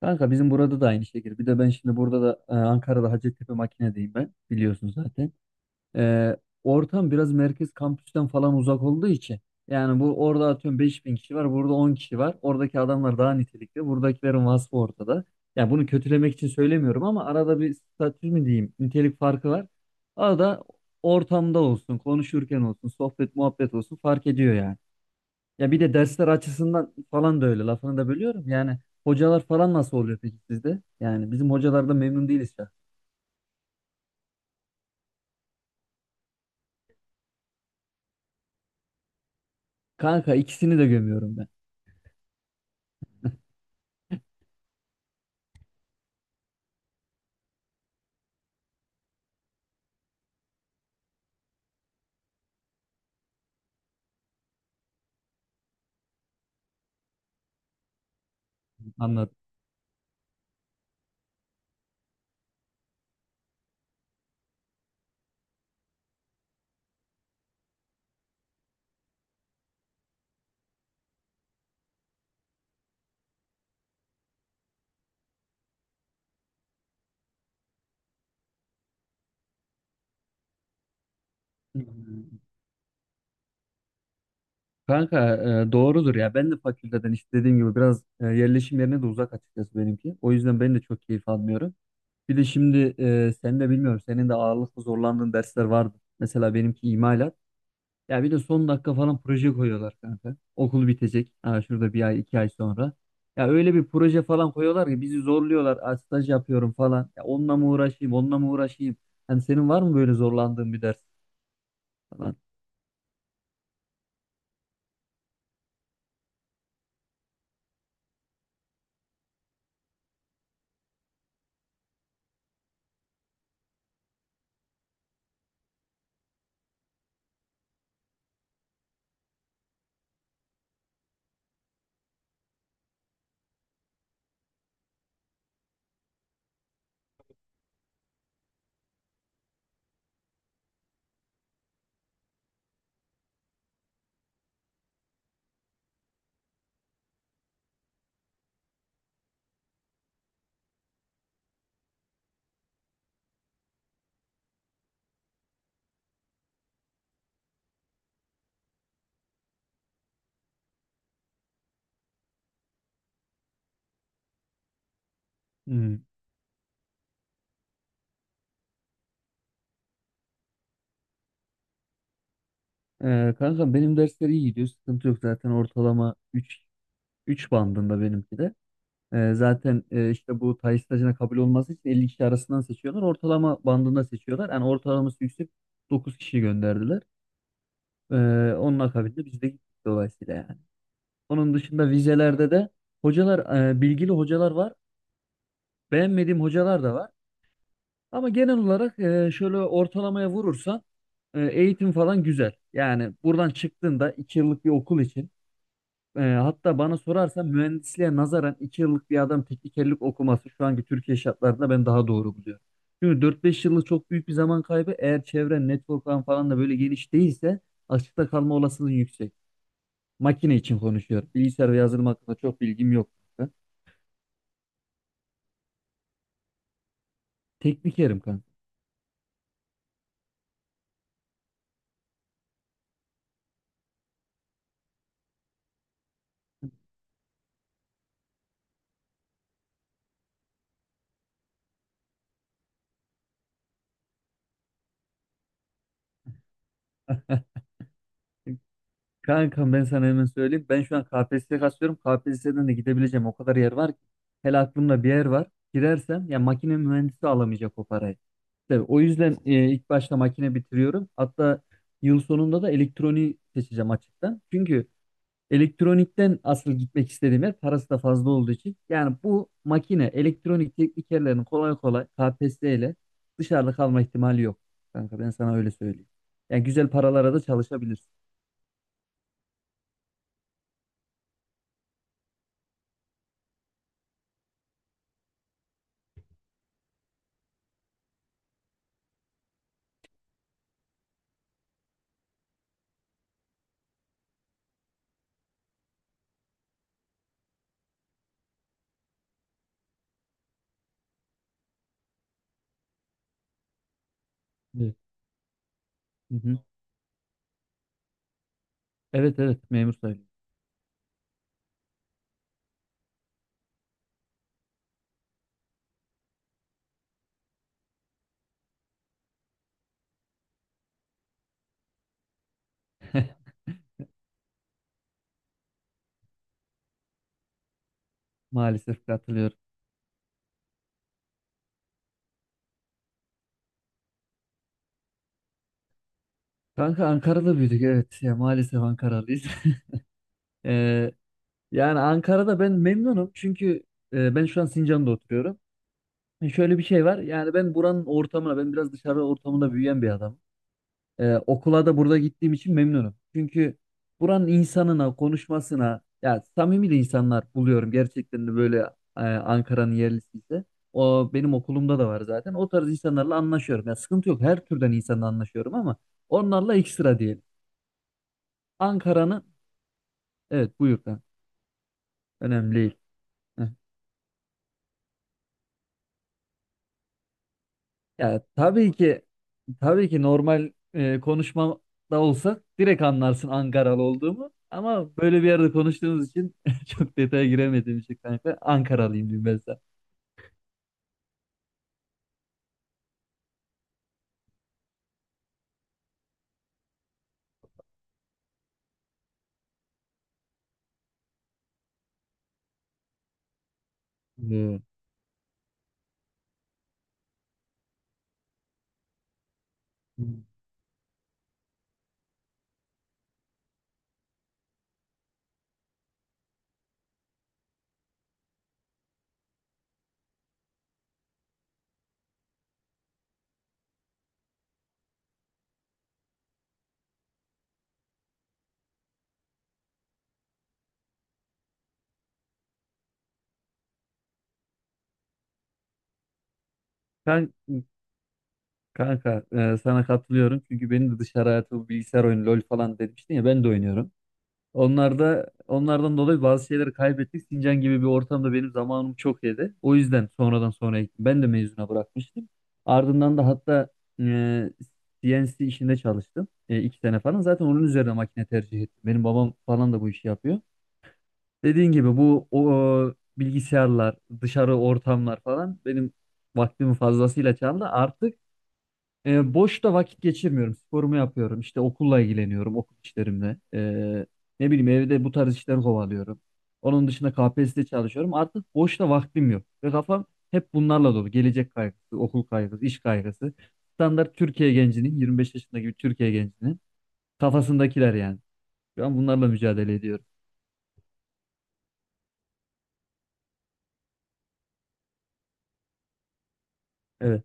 Kanka bizim burada da aynı şekilde. Bir de ben şimdi burada da Ankara'da Hacettepe makinedeyim ben. Biliyorsun zaten. E, Ortam biraz merkez kampüsten falan uzak olduğu için. Yani bu orada atıyorum 5000 kişi var. Burada 10 kişi var. Oradaki adamlar daha nitelikli. Buradakilerin vasfı ortada. Yani bunu kötülemek için söylemiyorum ama arada bir statü mü diyeyim nitelik farkı var. Arada ortamda olsun, konuşurken olsun, sohbet muhabbet olsun fark ediyor yani. Ya bir de dersler açısından falan da öyle. Lafını da bölüyorum. Yani hocalar falan nasıl oluyor peki sizde? Yani bizim hocalardan memnun değiliz ya. Kanka ikisini de gömüyorum ben. Anladım. Hmm. Kanka, doğrudur ya. Ben de fakülteden işte dediğim gibi biraz, yerleşim yerine de uzak açıkçası benimki. O yüzden ben de çok keyif almıyorum. Bir de şimdi, sen de bilmiyorum. Senin de ağırlıklı zorlandığın dersler vardı. Mesela benimki imalat. Ya bir de son dakika falan proje koyuyorlar kanka. Okul bitecek. Ha, şurada bir ay iki ay sonra. Ya öyle bir proje falan koyuyorlar ki bizi zorluyorlar. "Aa, staj yapıyorum falan. Ya onunla mı uğraşayım, onunla mı uğraşayım? Hani senin var mı böyle zorlandığın bir ders falan? Hmm. Kanka benim dersler iyi gidiyor. Sıkıntı yok zaten ortalama üç bandında benimki de. Zaten, işte bu tay stajına kabul olması için 50 kişi arasından seçiyorlar. Ortalama bandında seçiyorlar. Yani ortalaması yüksek 9 kişi gönderdiler. Ee, Onun akabinde biz de gittik dolayısıyla yani. Onun dışında vizelerde de hocalar, bilgili hocalar var. Beğenmediğim hocalar da var. Ama genel olarak, şöyle ortalamaya vurursan, eğitim falan güzel. Yani buradan çıktığında 2 yıllık bir okul için, hatta bana sorarsan mühendisliğe nazaran 2 yıllık bir adam teknikerlik okuması şu anki Türkiye şartlarında ben daha doğru buluyorum. Çünkü 4-5 yıllık çok büyük bir zaman kaybı. Eğer çevren, network'ın falan da böyle geniş değilse açıkta kalma olasılığın yüksek. Makine için konuşuyorum. Bilgisayar ve yazılım hakkında çok bilgim yok kanka. Teknikerim kanka. Kankam ben sana hemen söyleyeyim. Ben şu an KPSS'ye kasıyorum. KPSS'den de gidebileceğim o kadar yer var ki. Hele aklımda bir yer var. Girersem ya makine mühendisi alamayacak o parayı. Tabii, o yüzden, ilk başta makine bitiriyorum. Hatta yıl sonunda da elektroniği seçeceğim açıktan. Çünkü elektronikten asıl gitmek istediğim yer parası da fazla olduğu için. Yani bu makine elektronik teknikerlerin kolay kolay KPSS ile dışarıda kalma ihtimali yok. Kanka ben sana öyle söyleyeyim. Yani güzel paralara da çalışabilirsin. Evet. Hı hı. Evet, evet, memur sayılıyor. Maalesef katılıyorum. Kanka Ankara'da büyüdük, evet. Ya, maalesef Ankaralıyız. Ee, Yani Ankara'da ben memnunum. Çünkü, ben şu an Sincan'da oturuyorum. Şöyle bir şey var. Yani ben buranın ortamına, ben biraz dışarı ortamında büyüyen bir adamım. Okula da burada gittiğim için memnunum. Çünkü buranın insanına, konuşmasına, ya samimi de insanlar buluyorum gerçekten de, böyle, Ankara'nın yerlisi ise. O benim okulumda da var zaten. O tarz insanlarla anlaşıyorum. Ya sıkıntı yok. Her türden insanla anlaşıyorum ama onlarla ekstra diyelim. Ankara'nın evet buyur. Lan. Önemli değil. Ya tabii ki tabii ki normal, konuşmada olsa direkt anlarsın Ankaralı olduğumu. Ama böyle bir yerde konuştuğumuz için çok detaya giremediğim için kanka Ankaralıyım diyeyim ben sana. Hmm. Kan- Kanka, sana katılıyorum çünkü benim de dışarı hayatı bu bilgisayar oyunu LoL falan demiştin ya, ben de oynuyorum. Onlar da onlardan dolayı bazı şeyleri kaybettik. Sincan gibi bir ortamda benim zamanım çok yedi. O yüzden sonradan sonra ektim. Ben de mezuna bırakmıştım. Ardından da hatta, e, CNC işinde çalıştım. 2 sene falan. Zaten onun üzerine makine tercih ettim. Benim babam falan da bu işi yapıyor. Dediğin gibi bu bilgisayarlar, dışarı ortamlar falan benim vaktimi fazlasıyla çaldı. Artık, boşta vakit geçirmiyorum. Sporumu yapıyorum. İşte okulla ilgileniyorum. Okul işlerimle. Ne bileyim evde bu tarz işler kovalıyorum. Onun dışında KPSS'de çalışıyorum. Artık boşta vaktim yok. Ve kafam hep bunlarla dolu. Gelecek kaygısı, okul kaygısı, iş kaygısı. Standart Türkiye gencinin, 25 yaşındaki bir Türkiye gencinin kafasındakiler yani. Şu an bunlarla mücadele ediyorum. Evet.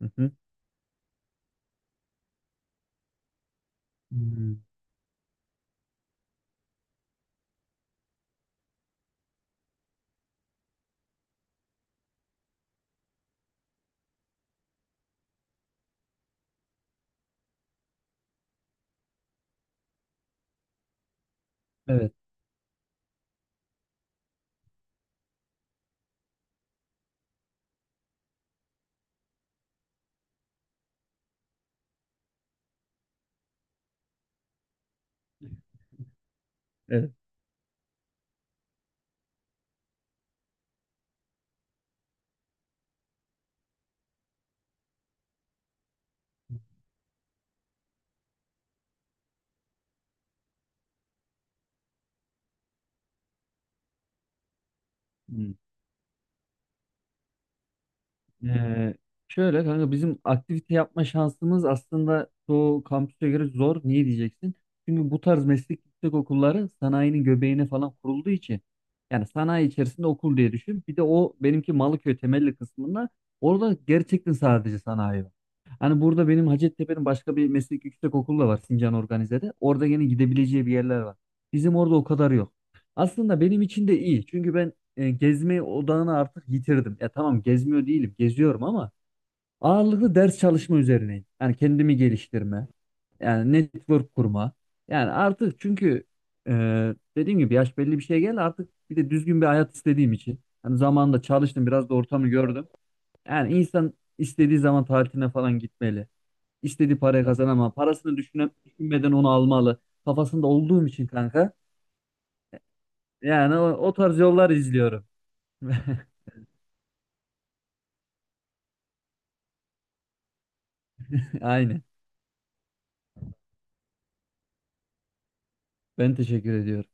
Hı hı. Hmm. Evet. Evet. Hmm. Ee, Şöyle kanka bizim aktivite yapma şansımız aslında çoğu kampüse göre zor. Niye diyeceksin? Çünkü bu tarz meslek yüksek okulları sanayinin göbeğine falan kurulduğu için yani sanayi içerisinde okul diye düşün. Bir de o benimki Malıköy temelli kısmında orada gerçekten sadece sanayi var. Hani burada benim Hacettepe'nin başka bir meslek yüksek okulu da var Sincan Organize'de. Orada yine gidebileceği bir yerler var. Bizim orada o kadar yok. Aslında benim için de iyi. Çünkü ben, gezme odağını artık yitirdim. Ya tamam, gezmiyor değilim, geziyorum ama ağırlıklı ders çalışma üzerineyim. Yani kendimi geliştirme, yani network kurma. Yani artık çünkü, e, dediğim gibi yaş belli bir şeye geldi artık, bir de düzgün bir hayat istediğim için. Hani zamanında çalıştım, biraz da ortamı gördüm. Yani insan istediği zaman tatiline falan gitmeli. İstediği parayı kazanamam. Parasını düşüne, düşünmeden onu almalı. Kafasında olduğum için kanka. Yani o tarz yollar izliyorum. Aynen. Ben teşekkür ediyorum.